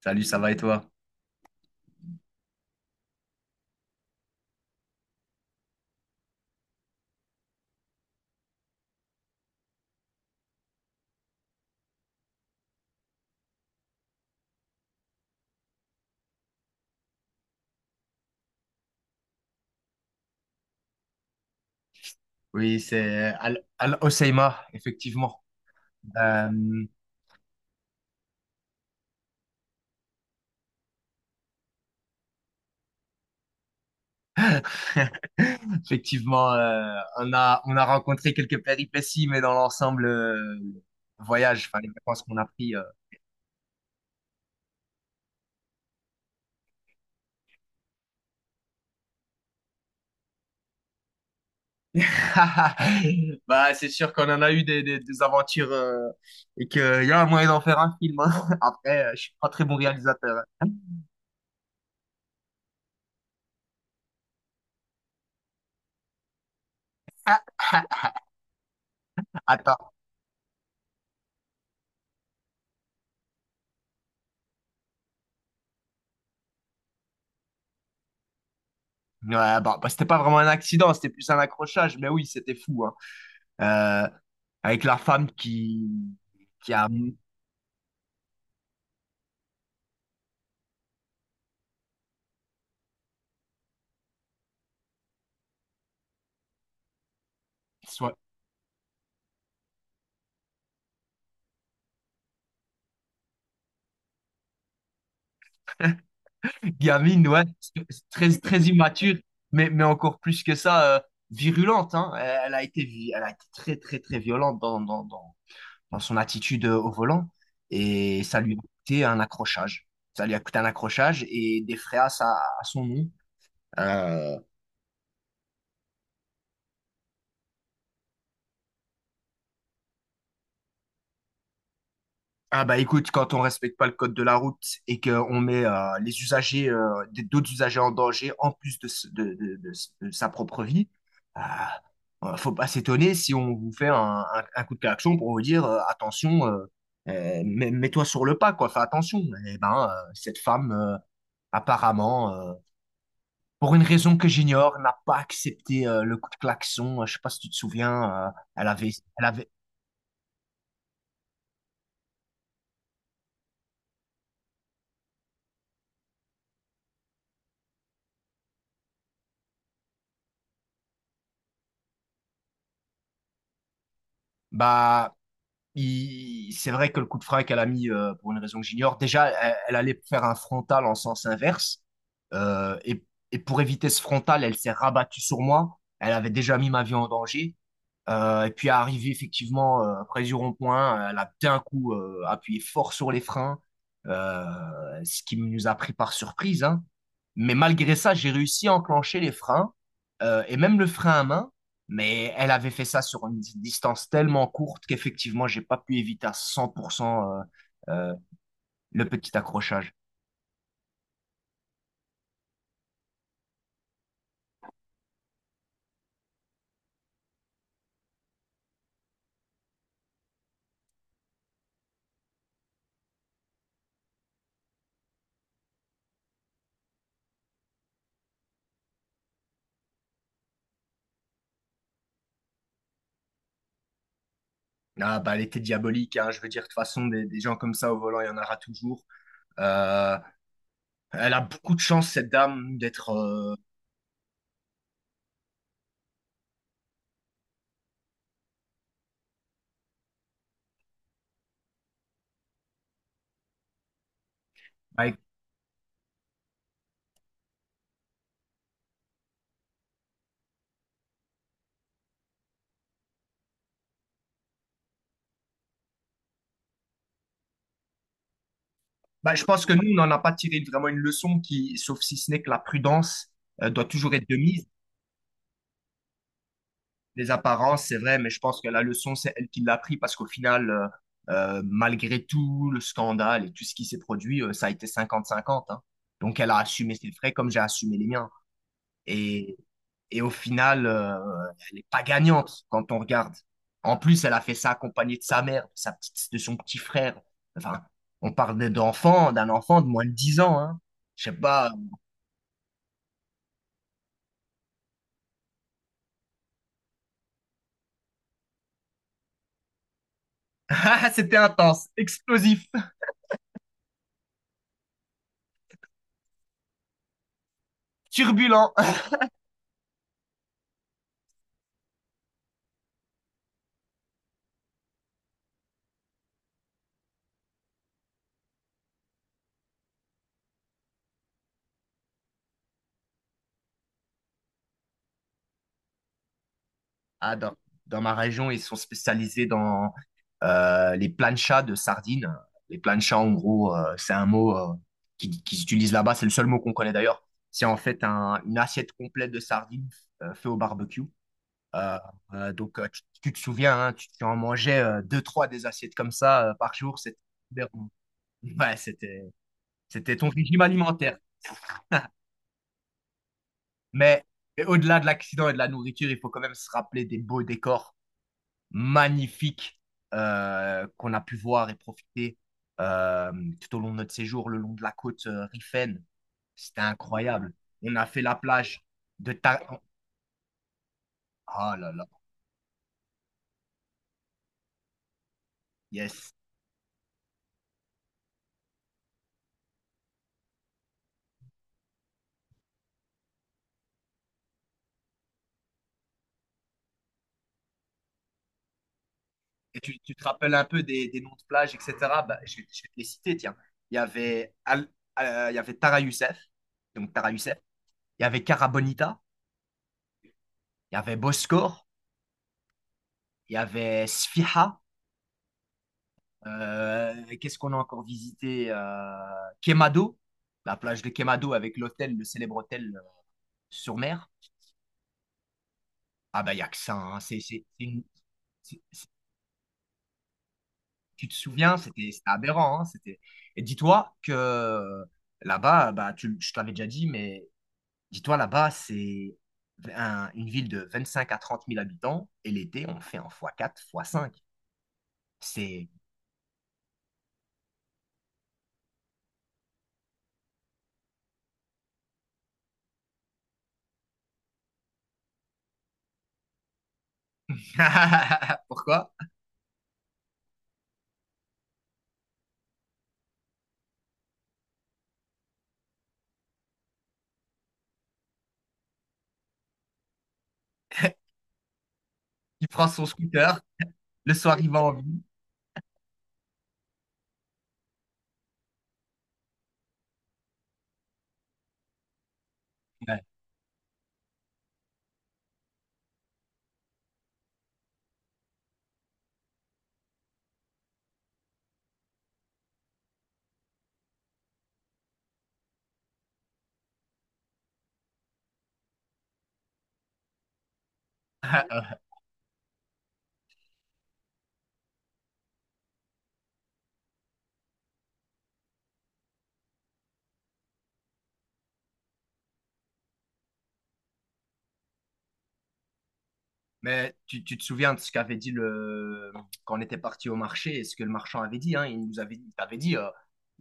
Salut, ça va et toi? Oui, c'est Al Hoceima, effectivement. Euh, Effectivement, on a rencontré quelques péripéties, mais dans l'ensemble, le voyage, enfin, les vacances qu'on a pris, bah, c'est sûr qu'on en a eu des aventures et qu'il y a un moyen d'en faire un film, hein. Après, je suis pas très bon réalisateur, hein. Attends, ouais, bah, c'était pas vraiment un accident, c'était plus un accrochage, mais oui, c'était fou, hein. euh, Avec la femme qui a, soit, gamine, ouais, c'est très, très immature, mais encore plus que ça, virulente, hein. Elle a été, elle a été très, très, très violente dans son attitude au volant, et ça lui a coûté un accrochage. Ça lui a coûté un accrochage et des fréas à son nom. Euh, ah bah écoute, quand on respecte pas le code de la route et qu'on met les usagers, d'autres usagers en danger en plus de, s- de s- de sa propre vie. Faut pas s'étonner si on vous fait un coup de klaxon pour vous dire attention, mets-toi sur le pas, quoi, fais attention. Eh ben, cette femme, apparemment, pour une raison que j'ignore, n'a pas accepté le coup de klaxon. Je sais pas si tu te souviens, elle avait, elle avait, bah, c'est vrai que le coup de frein qu'elle a mis, pour une raison que j'ignore, déjà, elle, elle allait faire un frontal en sens inverse. Euh, et, et pour éviter ce frontal, elle s'est rabattue sur moi. Elle avait déjà mis ma vie en danger. Et puis, arrivée effectivement près du rond-point, elle a d'un coup appuyé fort sur les freins, euh, ce qui nous a pris par surprise, hein. Mais malgré ça, j'ai réussi à enclencher les freins et même le frein à main. Mais elle avait fait ça sur une distance tellement courte qu'effectivement, j'ai pas pu éviter à 100% euh, le petit accrochage. Ah, bah, elle était diabolique, hein. Je veux dire, de toute façon, des gens comme ça au volant, il y en aura toujours. Euh, Elle a beaucoup de chance, cette dame, d'être, avec- bah, je pense que nous, on n'en a pas tiré vraiment une leçon qui, sauf si ce n'est que la prudence, doit toujours être de mise. Les apparences, c'est vrai, mais je pense que la leçon, c'est elle qui l'a pris parce qu'au final, malgré tout le scandale et tout ce qui s'est produit, ça a été 50-50, hein. Donc, elle a assumé ses frais comme j'ai assumé les miens. Et, et au final, elle n'est pas gagnante quand on regarde. En plus, elle a fait ça accompagnée de sa mère, de sa petite, de son petit frère. Enfin, on parle d'enfant, d'un enfant de moins de 10 ans, hein. Je sais pas. C'était intense, explosif, turbulent. Ah, dans ma région, ils sont spécialisés dans les planchas de sardines. Les planchas, en gros, c'est un mot qui s'utilise là-bas. C'est le seul mot qu'on connaît d'ailleurs. C'est en fait une assiette complète de sardines fait au barbecue. Euh, donc, tu te souviens, hein, tu en mangeais deux, trois des assiettes comme ça par jour. C'était... Ouais, c'était ton régime alimentaire. Mais mais au-delà de l'accident et de la nourriture, il faut quand même se rappeler des beaux décors magnifique qu'on a pu voir et profiter euh, tout au long de notre séjour, le long de la côte Rifaine. C'était incroyable. On a fait la plage de Ta... Ah là là, yes. Et tu te rappelles un peu des noms de plages, etc. Bah, je vais te les citer, tiens. Il y avait, Al- il y avait Tara Youssef, donc Tara Youssef. Il y avait Cara Bonita, il y avait Boscor, il y avait Sfiha. Qu'est-ce qu'on a encore visité? Quemado, la plage de Quemado avec l'hôtel, le célèbre hôtel sur mer. Ah bah, il n'y a que ça, hein. C'est une- c'est- Tu te souviens, c'était aberrant, hein. C'était... Et dis-toi que là-bas, bah, je t'avais déjà dit, mais dis-toi là-bas, c'est une ville de 25 à 30 000 habitants, et l'été, on fait en fois quatre, fois cinq. C'est... Pourquoi? Il prend son scooter, le soir, il va en ville. Ouais. Mais tu te souviens de ce qu'avait dit le... quand on était parti au marché et ce que le marchand avait dit, hein, il t'avait dit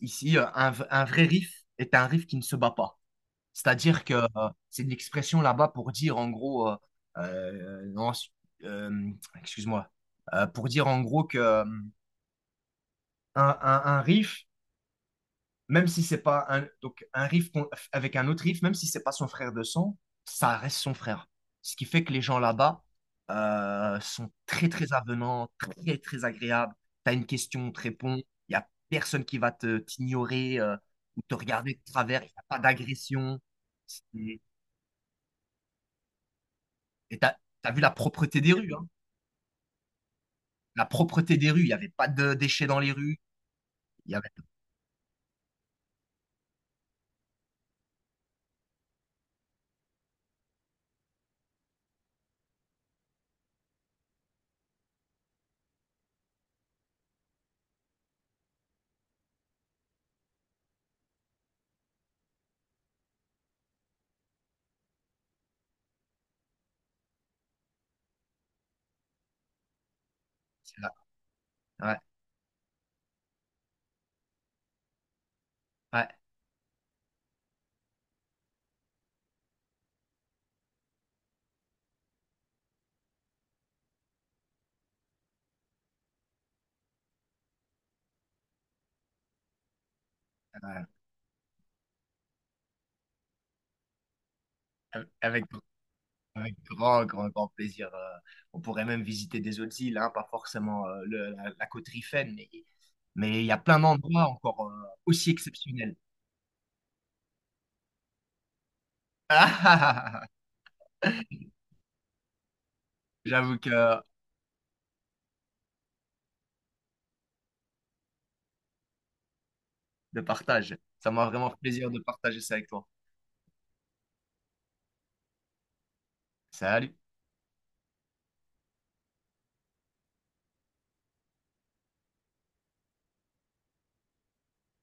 ici, un vrai riff est un riff qui ne se bat pas. C'est-à-dire que c'est une expression là-bas pour dire en gros, non, euh, excuse-moi, pour dire en gros que un riff, même si c'est pas un, donc un riff avec un autre riff, même si c'est pas son frère de sang, ça reste son frère. Ce qui fait que les gens là-bas sont très très avenants, très très agréables. T'as une question, on te répond. Il y a personne qui va te t'ignorer ou te regarder de travers. Il n'y a pas d'agression. C'est- Et t'as vu la propreté des rues, hein. La propreté des rues. Il n'y avait pas de déchets dans les rues. Il y avait. Ouais, ouais, ouais. Avec grand, grand, grand plaisir. On pourrait même visiter des autres îles, hein, pas forcément la côte Rifaine, mais il y a plein d'endroits encore aussi exceptionnels. Ah, ah, ah, ah. J'avoue que de partage, ça m'a vraiment fait plaisir de partager ça avec toi. Salut.